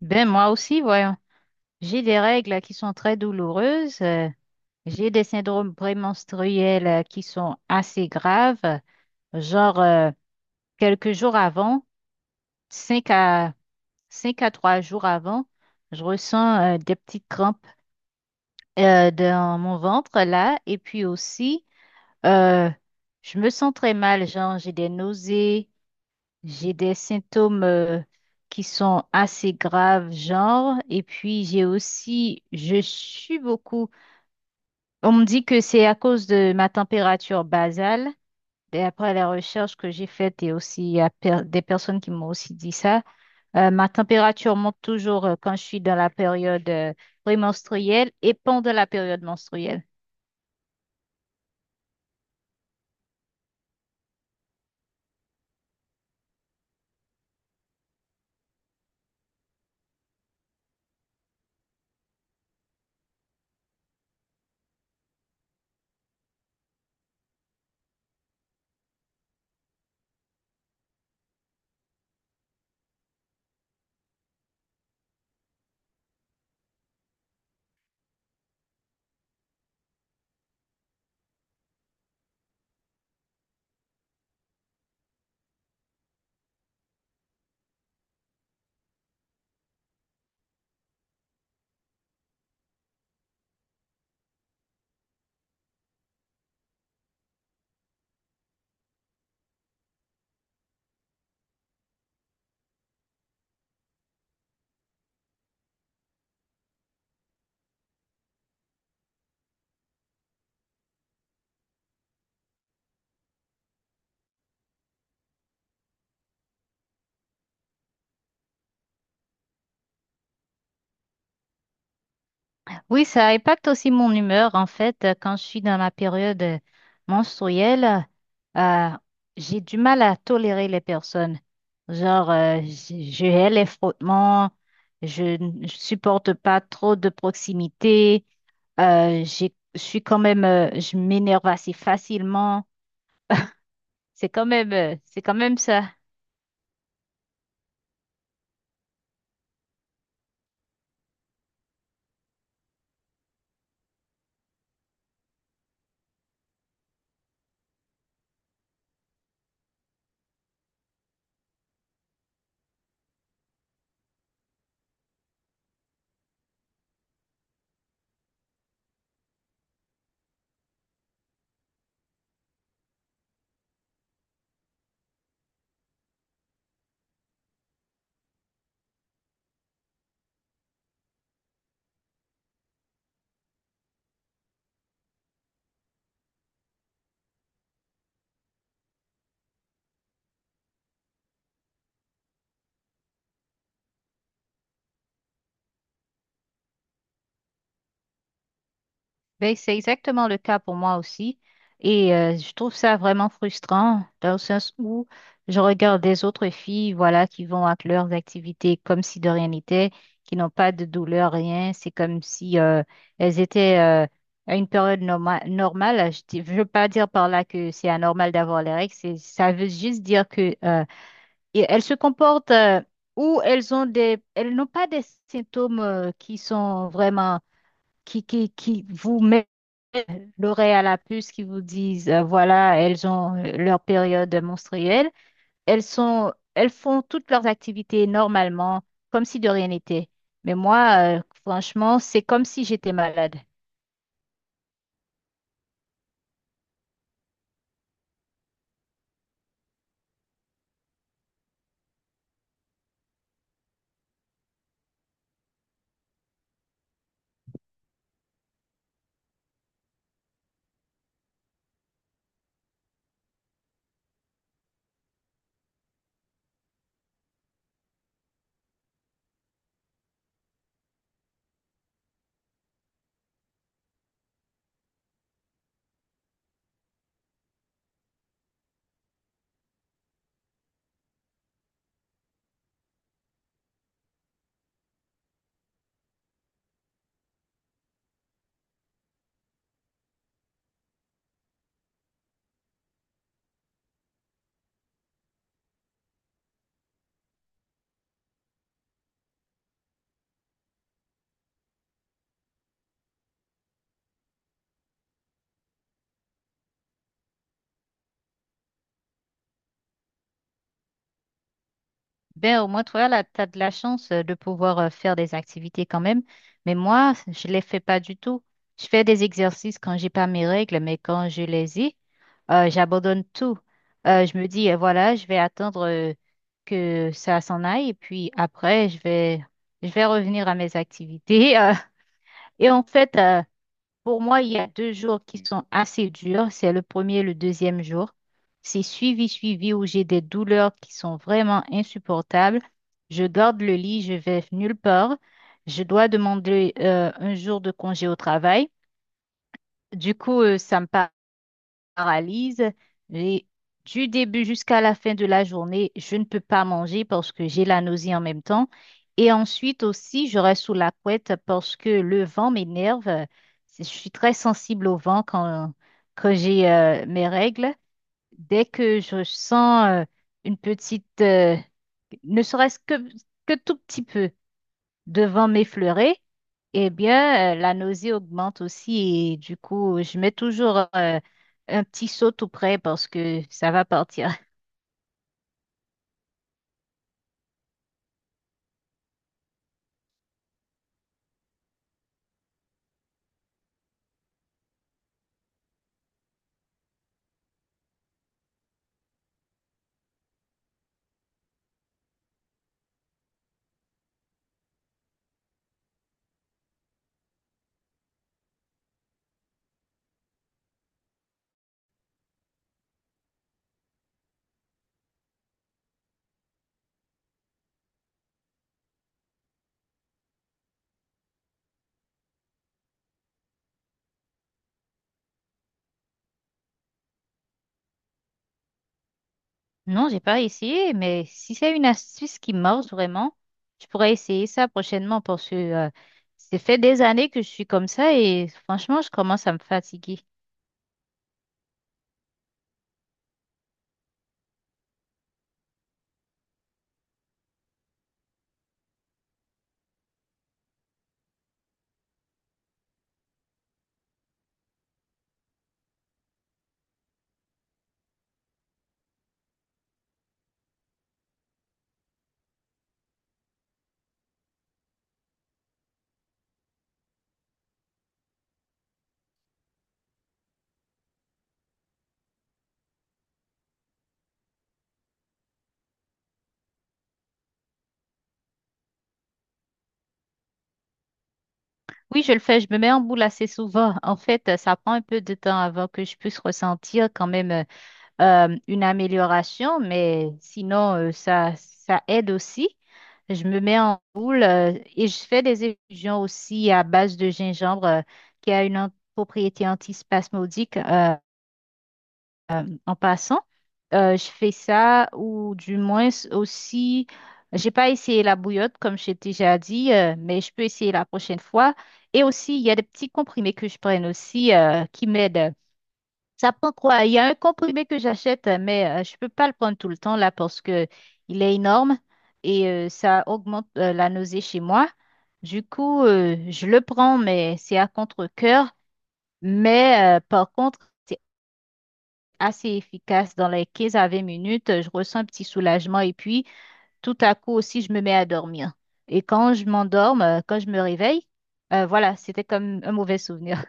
Ben moi aussi, voyons. J'ai des règles qui sont très douloureuses. J'ai des syndromes prémenstruels qui sont assez graves. Genre, euh, quelques jours avant, 5 à, 5 à 3 jours avant, je ressens des petites crampes dans mon ventre là. Et puis aussi, euh, je me sens très mal. Genre, j'ai des nausées. J'ai des symptômes qui sont assez graves, genre, et puis j'ai aussi, je suis beaucoup. On me dit que c'est à cause de ma température basale. D'après les recherches que j'ai faites, et aussi il y a des personnes qui m'ont aussi dit ça, ma température monte toujours quand je suis dans la période prémenstruelle et pendant la période menstruelle. Oui, ça impacte aussi mon humeur. En fait, quand je suis dans ma période menstruelle, euh, j'ai du mal à tolérer les personnes. Je hais les frottements, je ne supporte pas trop de proximité, je suis quand même, je m'énerve assez facilement. C'est quand même ça. Ben, c'est exactement le cas pour moi aussi. Et je trouve ça vraiment frustrant dans le sens où je regarde des autres filles, voilà, qui vont à leurs activités comme si de rien n'était, qui n'ont pas de douleur, rien. C'est comme si elles étaient à une période normale. Je ne veux pas dire par là que c'est anormal d'avoir les règles. Ça veut juste dire que et elles se comportent ou elles ont des, elles n'ont pas des symptômes qui sont vraiment qui vous mettent l'oreille à la puce qui vous disent, voilà, elles ont leur période menstruelle. Elles sont, elles font toutes leurs activités normalement, comme si de rien n'était. Mais moi, franchement, c'est comme si j'étais malade. Ben, au moins, toi, là, tu as de la chance de pouvoir faire des activités quand même. Mais moi, je les fais pas du tout. Je fais des exercices quand j'ai pas mes règles, mais quand je les ai, j'abandonne tout. Je me dis, voilà, je vais attendre que ça s'en aille et puis après, je vais revenir à mes activités. Et en fait, pour moi, il y a 2 jours qui sont assez durs. C'est le premier et le deuxième jour. C'est suivi où j'ai des douleurs qui sont vraiment insupportables. Je garde le lit, je vais nulle part. Je dois demander un jour de congé au travail. Du coup, ça me paraît paralyse. J'ai- du début jusqu'à la fin de la journée, je ne peux pas manger parce que j'ai la nausée en même temps. Et ensuite aussi, je reste sous la couette parce que le vent m'énerve. Je suis très sensible au vent quand j'ai mes règles. Dès que je sens une petite, ne serait-ce que, tout petit peu devant m'effleurer, eh bien, la nausée augmente aussi et du coup, je mets toujours un petit seau tout près parce que ça va partir. Non, j'ai pas essayé, mais si c'est une astuce qui marche vraiment, je pourrais essayer ça prochainement parce que ça fait des années que je suis comme ça et franchement, je commence à me fatiguer. Oui, je le fais, je me mets en boule assez souvent. En fait, ça prend un peu de temps avant que je puisse ressentir quand même une amélioration, mais sinon, ça aide aussi. Je me mets en boule et je fais des infusions aussi à base de gingembre qui a une propriété antispasmodique en passant. Je fais ça ou du moins aussi, j'ai pas essayé la bouillotte comme j'ai déjà dit, mais je peux essayer la prochaine fois. Et aussi, il y a des petits comprimés que je prenne aussi qui m'aident. Ça prend quoi? Il y a un comprimé que j'achète, mais je peux pas le prendre tout le temps là parce que il est énorme et ça augmente la nausée chez moi. Du coup, je le prends, mais c'est à contre-cœur. Mais par contre, c'est assez efficace. Dans les 15 à 20 minutes, je ressens un petit soulagement et puis tout à coup aussi, je me mets à dormir. Et quand je m'endorme, quand je me réveille, voilà, c'était comme un mauvais souvenir.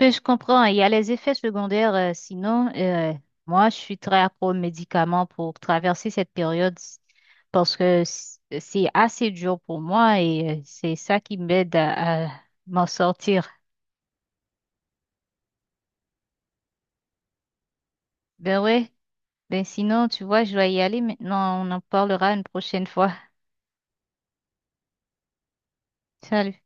Mais je comprends, il y a les effets secondaires. Moi, je suis très accro aux médicaments pour traverser cette période parce que c'est assez dur pour moi et c'est ça qui m'aide à m'en sortir. Ben ouais, ben sinon, tu vois, je dois y aller maintenant. On en parlera une prochaine fois. Salut.